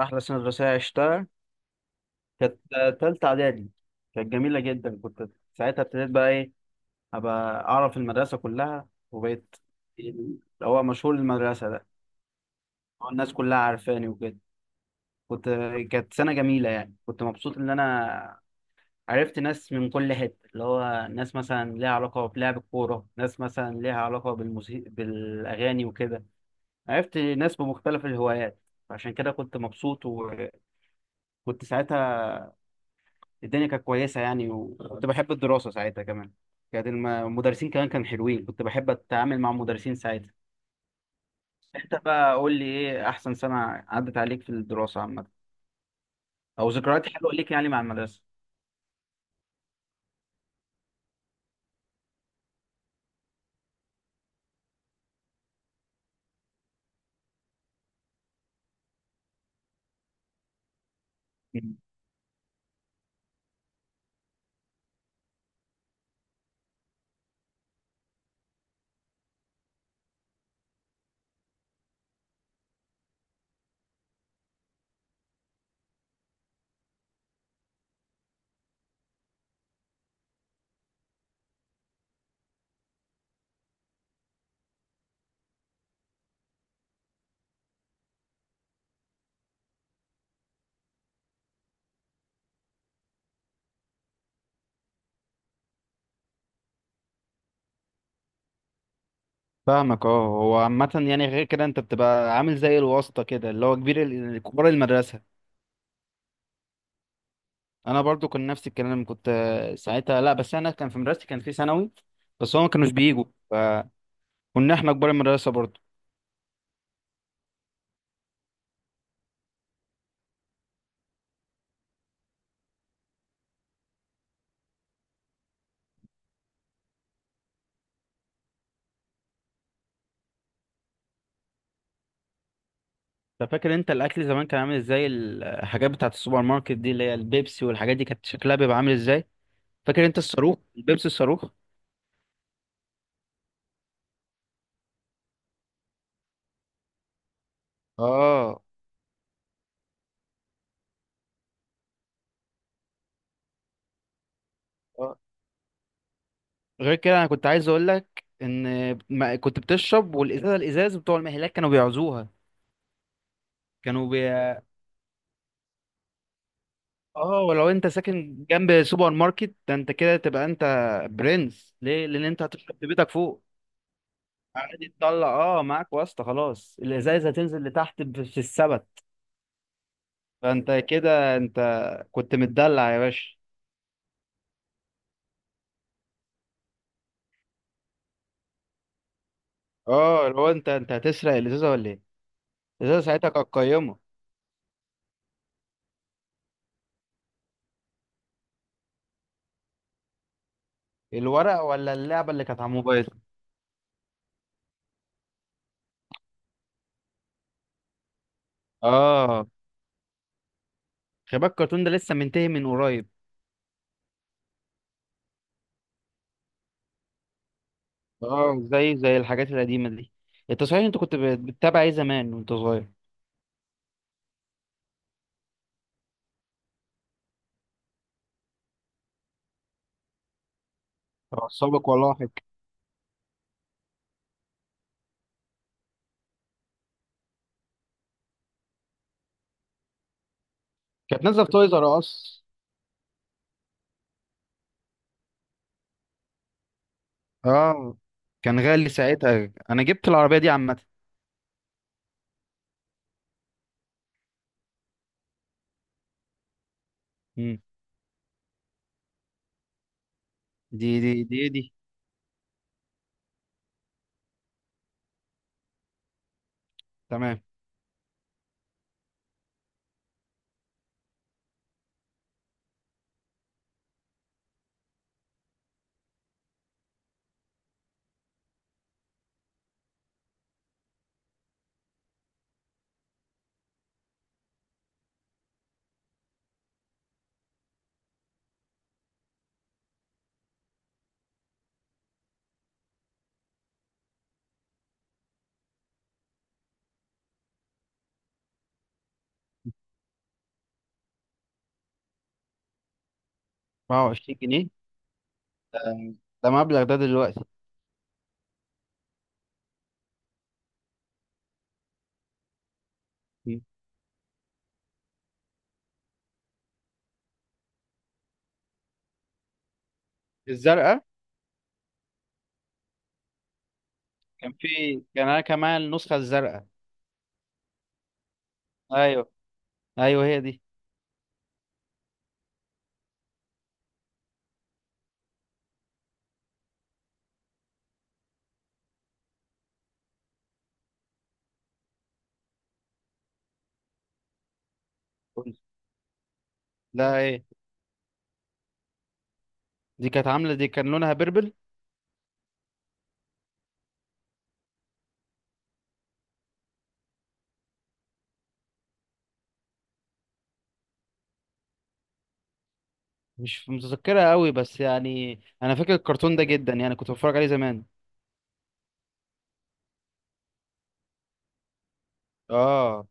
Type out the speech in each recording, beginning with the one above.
أحلى سنة دراسية عشتها كانت تالتة إعدادي. كانت جميلة جدا، كنت ساعتها ابتديت بقى إيه، أبقى أعرف المدرسة كلها وبقيت اللي هو مشهور المدرسة ده. الناس كلها عارفاني وكده. كنت كانت سنة جميلة يعني، كنت مبسوط إن أنا عرفت ناس من كل حتة، اللي هو ناس مثلا ليها علاقة بلعب الكورة، ناس مثلا ليها علاقة بالموسيقى بالأغاني وكده. عرفت ناس بمختلف الهوايات. عشان كده كنت مبسوط، وكنت ساعتها الدنيا كانت كويسة يعني، وكنت بحب الدراسة ساعتها كمان. كانت المدرسين كمان كانوا حلوين، كنت بحب أتعامل مع المدرسين ساعتها. أنت بقى قول لي إيه أحسن سنة عدت عليك في الدراسة عامة، أو ذكريات حلوة ليك يعني مع المدرسة. مم. فاهمك. اه، هو عامة يعني غير كده انت بتبقى عامل زي الواسطة كده، اللي هو كبار المدرسة. انا برضو كان نفس الكلام، كنت ساعتها، لا بس انا كان في مدرستي كان في ثانوي، بس هم ما كانوش بيجوا، فكنا احنا كبار المدرسة برضو. انت فاكر انت الاكل زمان كان عامل ازاي؟ الحاجات بتاعت السوبر ماركت دي اللي هي البيبسي والحاجات دي كانت شكلها بيبقى عامل ازاي؟ فاكر انت الصاروخ البيبسي الصاروخ؟ اه. آه. غير كده انا كنت عايز اقول لك ان ما كنت بتشرب، والازازه الازاز بتوع المهلاك كانوا بيعوزوها. كانوا بي... اه، ولو انت ساكن جنب سوبر ماركت ده انت كده تبقى انت برنس، ليه؟ لان انت هتشرب في بيتك فوق عادي تطلع. اه، معاك واسطه خلاص، الازايز هتنزل لتحت في السبت. فانت كده انت كنت متدلع يا باشا. اه، لو انت هتسرق الازازه ولا ايه؟ الازازه ساعتها كانت قيمه. الورق ولا اللعبه اللي كانت على الموبايل؟ اه. خلي بالك الكرتون ده لسه منتهي من قريب. اه، زي الحاجات القديمه دي. انت صحيح انت كنت بتتابع ايه زمان وانت صغير؟ سابق ولاحق؟ كانت نازله في تويز ار اس. اه، كان غالي ساعتها، انا جبت العربيه دي عامه. مم. دي تمام. 24 جنيه؟ ده ده مبلغ ده دلوقتي. مم. الزرقاء. كان في كان انا كمان النسخه الزرقاء. ايوه، ايوه هي دي. قول. لا، ايه؟ دي كانت عامله، دي كان لونها بيربل. مش متذكرها قوي بس يعني انا فاكر الكرتون ده جدا يعني، كنت بتفرج عليه زمان. اه،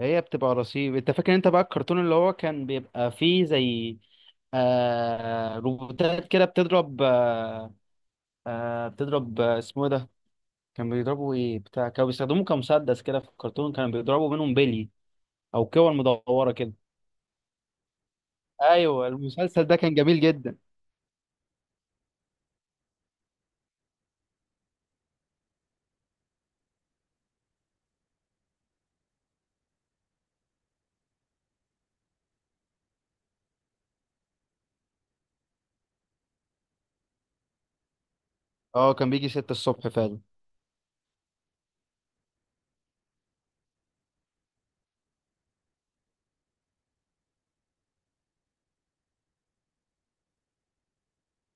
هي بتبقى رصيف. انت فاكر انت بقى الكرتون اللي هو كان بيبقى فيه زي روبوتات كده بتضرب، بتضرب، اسمه إيه ده؟ كان بيضربوا ايه بتاع كانوا بيستخدموه كمسدس كده في الكرتون، كانوا بيضربوا منهم بلي او كور مدوره كده. ايوه، المسلسل ده كان جميل جدا. اه، كان بيجي ستة الصبح فعلا.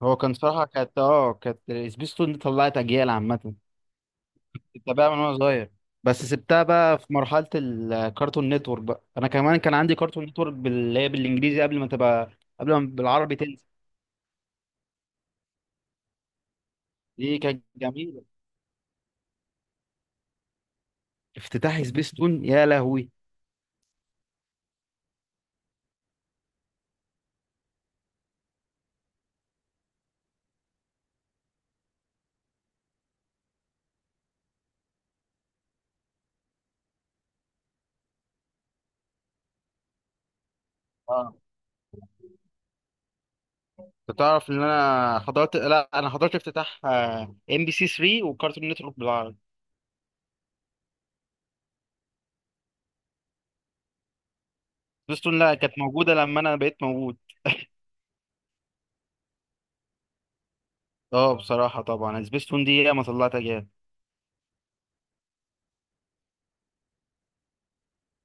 هو كان صراحة كانت كانت سبيستون دي طلعت اجيال عامة. كنت بقى من وانا صغير، بس سبتها بقى في مرحلة الكارتون نتورك بقى. انا كمان كان عندي كارتون نتورك اللي هي بالانجليزي قبل ما تبقى، قبل ما بالعربي تنزل. دي كانت جميلة. افتتاح سبيستون؟ يا لهوي! اه، انت تعرف ان انا حضرت، لا انا حضرت افتتاح ام بي سي 3 وكارتون نتورك بالعربي. سبيستون لا، كانت موجودة لما انا بقيت موجود. اه بصراحة، طبعا سبيس تون دي ياما طلعتها جامد.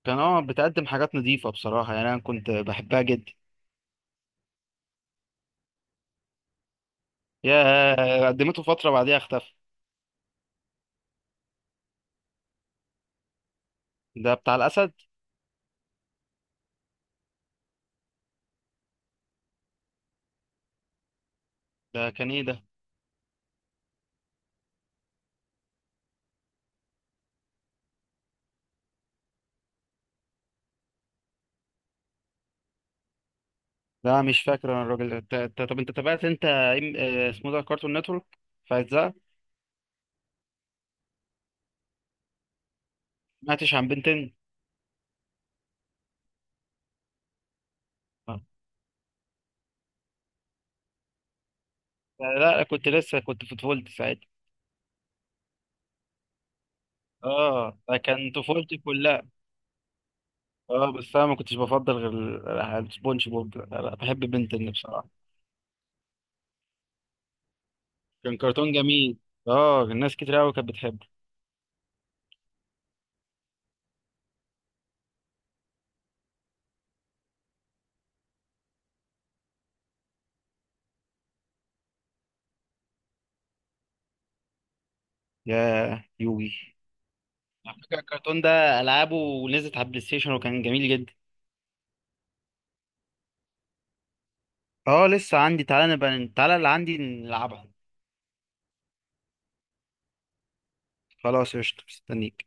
كان اه بتقدم حاجات نظيفة بصراحة يعني، أنا كنت بحبها جدا. يا قدمته فترة بعديها اختفى. ده بتاع الأسد؟ ده كان إيه ده؟ لا مش فاكر أنا. الراجل طب أنت تابعت أنت اسمه ده كارتون نتورك في أجزاء؟ ما سمعتش عن بنتين؟ آه. لا، كنت لسه كنت في طفولتي ساعتها. اه، ده كان طفولتي كلها. اه، بس أنا ما كنتش بفضل غير سبونج بوب. لا لا، بحب بنتين بصراحة. كان كرتون جميل. اه، الناس كتير أوي كانت بتحبه. يا يوجي! على فكرة الكرتون ده ألعابه نزلت على البلاي ستيشن وكان جميل جدا. اه، لسه عندي، تعالى نبقى تعالى اللي عندي نلعبها. خلاص قشطة، مستنيك.